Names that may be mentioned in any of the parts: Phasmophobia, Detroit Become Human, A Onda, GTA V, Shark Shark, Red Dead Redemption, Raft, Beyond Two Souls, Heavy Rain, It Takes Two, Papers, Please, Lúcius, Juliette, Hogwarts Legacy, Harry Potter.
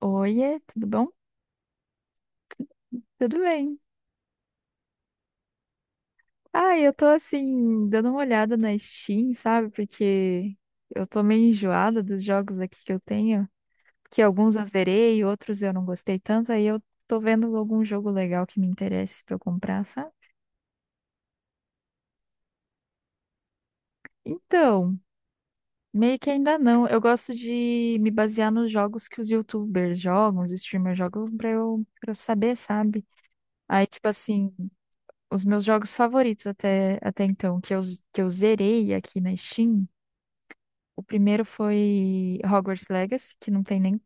Oiê, tudo bom? Tudo bem. Ah, eu tô assim, dando uma olhada na Steam, sabe? Porque eu tô meio enjoada dos jogos aqui que eu tenho, que alguns eu zerei, outros eu não gostei tanto, aí eu tô vendo algum jogo legal que me interesse pra eu comprar, sabe? Então, meio que ainda não. Eu gosto de me basear nos jogos que os YouTubers jogam, os streamers jogam, pra eu saber, sabe? Aí, tipo assim, os meus jogos favoritos até então, que eu zerei aqui na Steam. O primeiro foi Hogwarts Legacy, que não tem nem,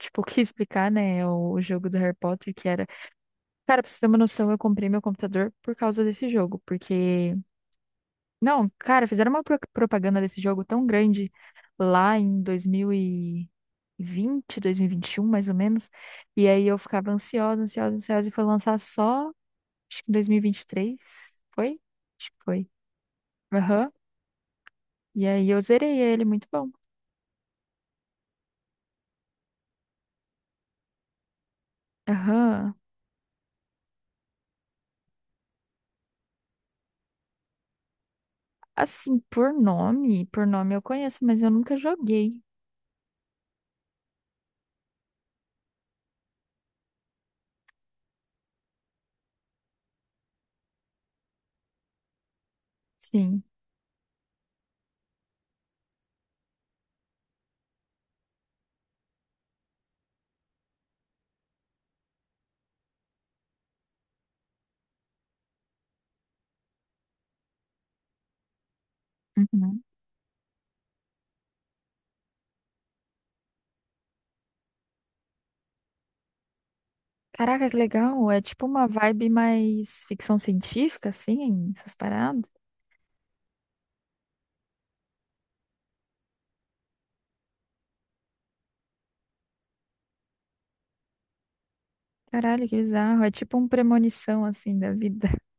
tipo, o que explicar, né? É o jogo do Harry Potter, que era. Cara, pra você ter uma noção, eu comprei meu computador por causa desse jogo, porque. Não, cara, fizeram uma propaganda desse jogo tão grande lá em 2020, 2021, mais ou menos. E aí eu ficava ansiosa, ansiosa, ansiosa, e foi lançar só, acho que em 2023. Foi? Acho que foi. Aham. E aí eu zerei ele, muito bom. Aham. Assim, por nome eu conheço, mas eu nunca joguei. Sim. Uhum. Caraca, que legal. É tipo uma vibe mais ficção científica, assim, essas paradas. Caralho, que bizarro. É tipo um premonição, assim, da vida.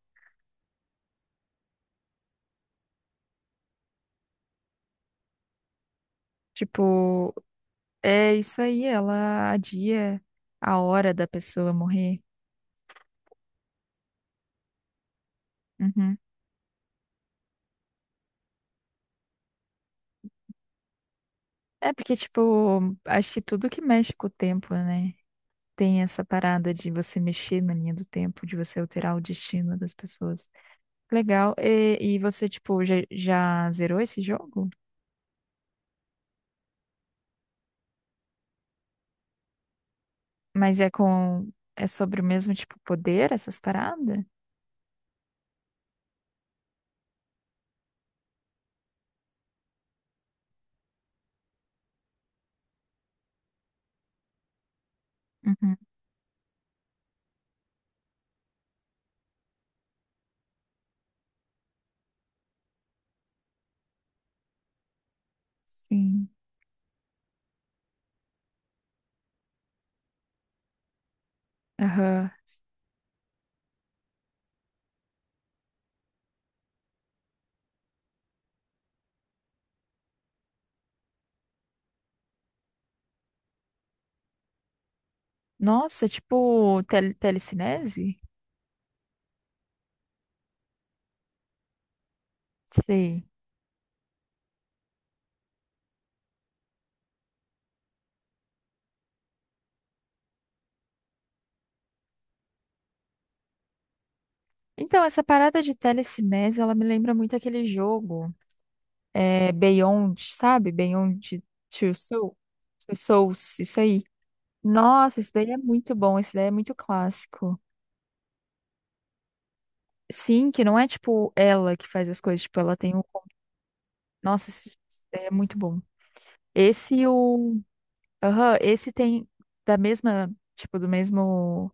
Tipo, é isso aí, ela adia a hora da pessoa morrer. Uhum. É porque, tipo, acho que tudo que mexe com o tempo, né? Tem essa parada de você mexer na linha do tempo, de você alterar o destino das pessoas. Legal. E você, tipo, já zerou esse jogo? Mas é com. É sobre o mesmo, tipo, poder, essas paradas? Uhum. Sim. Aham. Nossa, tipo, telecinese? Sei. Então, essa parada de telecinese, ela me lembra muito aquele jogo, é, Beyond, sabe? Beyond Two Soul, Two Souls, isso aí. Nossa, esse daí é muito bom, esse daí é muito clássico. Sim, que não é tipo ela que faz as coisas, tipo, ela tem. Nossa, esse é muito bom. Esse e o. Aham, esse tem da mesma. Tipo, do mesmo.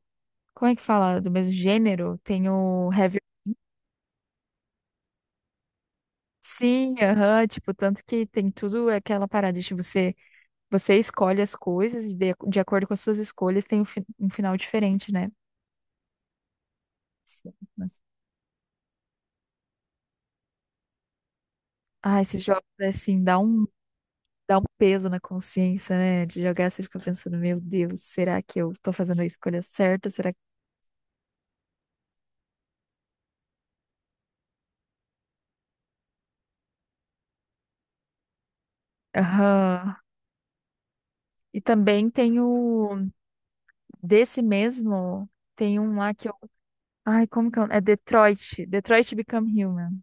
Como é que fala? Do mesmo gênero? Tem o Heavy. Sim, aham. Tipo, tanto que tem tudo aquela parada de você. Você escolhe as coisas e de acordo com as suas escolhas tem um final diferente, né? Sim. Mas... Ah, esses jogos, assim, dá um peso na consciência, né? De jogar, você fica pensando, meu Deus, será que eu tô fazendo a escolha certa? Será que. Aham. E também tem o desse mesmo, tem um lá que eu, ai, como que é? É Detroit Become Human.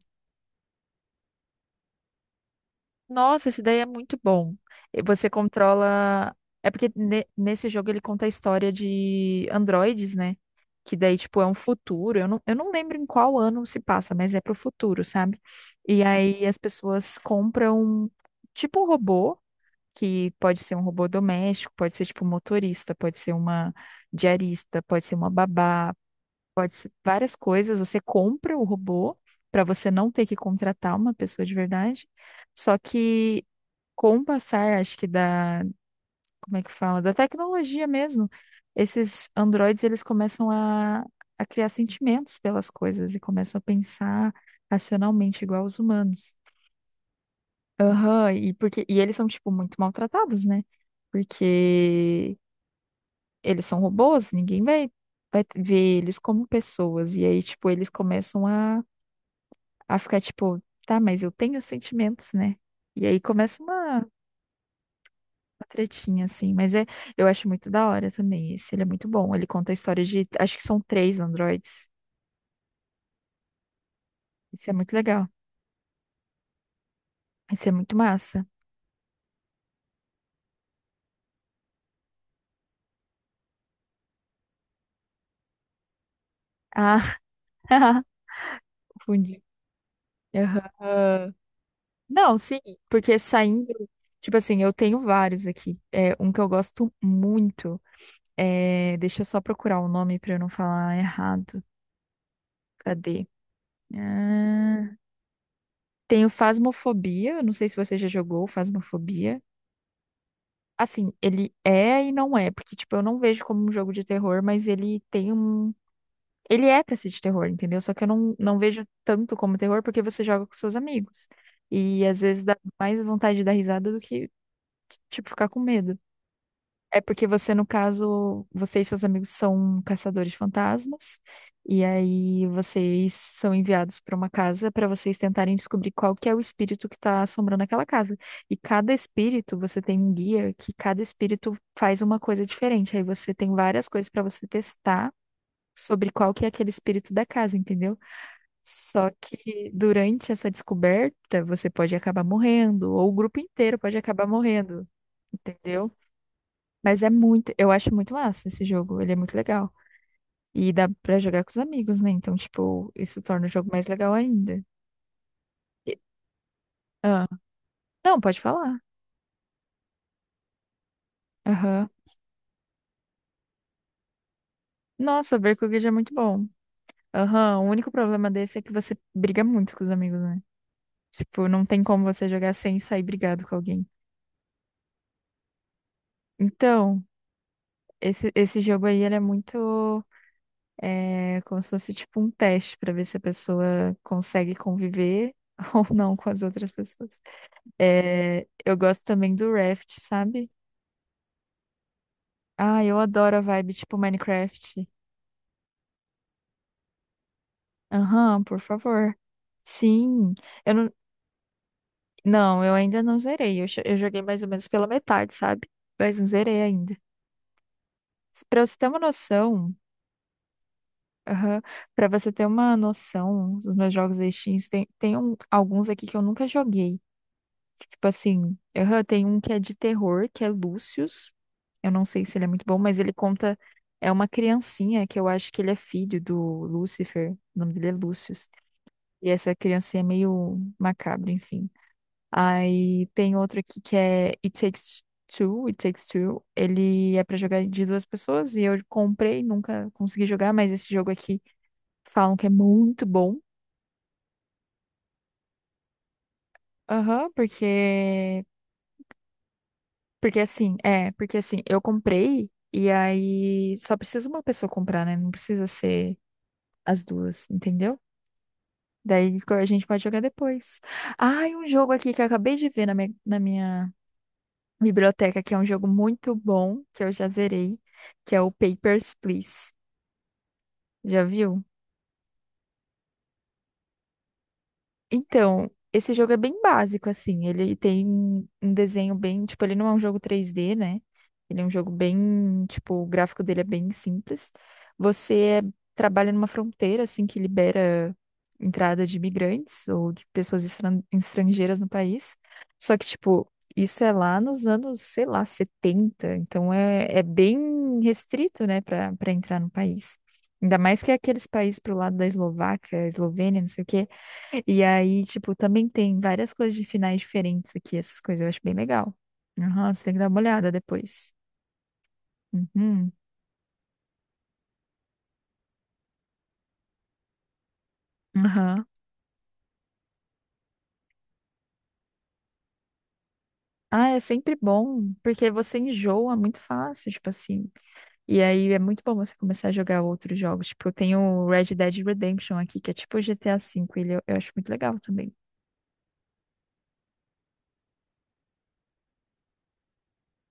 Nossa, esse daí é muito bom. E você controla, é porque nesse jogo ele conta a história de androides, né? Que daí tipo é um futuro. Eu não lembro em qual ano se passa, mas é pro futuro, sabe? E aí as pessoas compram tipo um robô, que pode ser um robô doméstico, pode ser tipo um motorista, pode ser uma diarista, pode ser uma babá, pode ser várias coisas. Você compra o robô para você não ter que contratar uma pessoa de verdade. Só que com o passar, acho que da, como é que fala? Da tecnologia mesmo, esses androides eles começam a criar sentimentos pelas coisas e começam a pensar racionalmente igual os humanos. Aham, e porque e eles são tipo muito maltratados, né? Porque eles são robôs, ninguém vai ver eles como pessoas e aí tipo eles começam a ficar tipo, tá, mas eu tenho sentimentos, né? E aí começa uma tretinha, assim. Mas é, eu acho muito da hora também. Esse, ele é muito bom. Ele conta a história de, acho que são três androides. Isso é muito legal. Isso é muito massa. Ah, confundi. Aham. Não, sim, porque saindo, tipo assim, eu tenho vários aqui. É, um que eu gosto muito é, deixa eu só procurar o nome pra eu não falar errado. Cadê? Ah. Tenho Phasmophobia, não sei se você já jogou Phasmophobia. Assim, ele é e não é, porque, tipo, eu não vejo como um jogo de terror, mas ele tem um. Ele é pra ser de terror, entendeu? Só que eu não vejo tanto como terror porque você joga com seus amigos. E às vezes dá mais vontade de dar risada do que, tipo, ficar com medo. É porque você, no caso, você e seus amigos são caçadores de fantasmas, e aí vocês são enviados para uma casa para vocês tentarem descobrir qual que é o espírito que está assombrando aquela casa. E cada espírito, você tem um guia que cada espírito faz uma coisa diferente. Aí você tem várias coisas para você testar sobre qual que é aquele espírito da casa, entendeu? Só que durante essa descoberta, você pode acabar morrendo, ou o grupo inteiro pode acabar morrendo, entendeu? Mas é muito, eu acho muito massa esse jogo, ele é muito legal. E dá pra jogar com os amigos, né? Então, tipo, isso torna o jogo mais legal ainda. E- Ah, não, pode falar. Aham. Nossa, Berkugid é muito bom. Aham, o único problema desse é que você briga muito com os amigos, né? Tipo, não tem como você jogar sem sair brigado com alguém. Então, esse jogo aí, ele é muito, é, como se fosse, tipo, um teste pra ver se a pessoa consegue conviver ou não com as outras pessoas. É, eu gosto também do Raft, sabe? Ah, eu adoro a vibe tipo Minecraft. Aham, por favor. Sim. Eu não, não, eu ainda não zerei. Eu joguei mais ou menos pela metade, sabe? Mas não zerei ainda. Pra você ter uma noção, aham, pra você ter uma noção, os meus jogos da Steam, tem alguns aqui que eu nunca joguei. Tipo assim, aham, tem um que é de terror, que é Lúcius. Eu não sei se ele é muito bom, mas ele conta. É uma criancinha que eu acho que ele é filho do Lúcifer. O nome dele é Lúcius. E essa criancinha é meio macabra, enfim. Aí tem outro aqui que é It Takes Two. Ele é pra jogar de duas pessoas e eu comprei, nunca consegui jogar, mas esse jogo aqui falam que é muito bom. Aham. Porque assim, é, porque assim, eu comprei e aí só precisa uma pessoa comprar, né? Não precisa ser as duas, entendeu? Daí a gente pode jogar depois. Ah, e um jogo aqui que eu acabei de ver na minha biblioteca, que é um jogo muito bom, que eu já zerei, que é o Papers, Please. Já viu? Então, esse jogo é bem básico, assim. Ele tem um desenho bem. Tipo, ele não é um jogo 3D, né? Ele é um jogo bem. Tipo, o gráfico dele é bem simples. Você trabalha numa fronteira, assim, que libera entrada de imigrantes ou de pessoas estrangeiras no país. Só que, tipo, isso é lá nos anos, sei lá, 70. Então, é bem restrito, né, para entrar no país. Ainda mais que é aqueles países pro lado da Eslováquia, Eslovênia, não sei o quê, e aí, tipo, também tem várias coisas de finais diferentes aqui, essas coisas eu acho bem legal. Aham, você tem que dar uma olhada depois. Uhum, aham. Ah, é sempre bom, porque você enjoa muito fácil, tipo assim. E aí é muito bom você começar a jogar outros jogos. Tipo, eu tenho o Red Dead Redemption aqui, que é tipo o GTA V, eu acho muito legal também.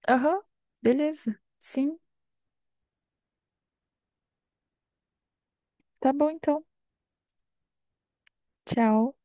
Aham, beleza. Sim, tá bom então. Tchau.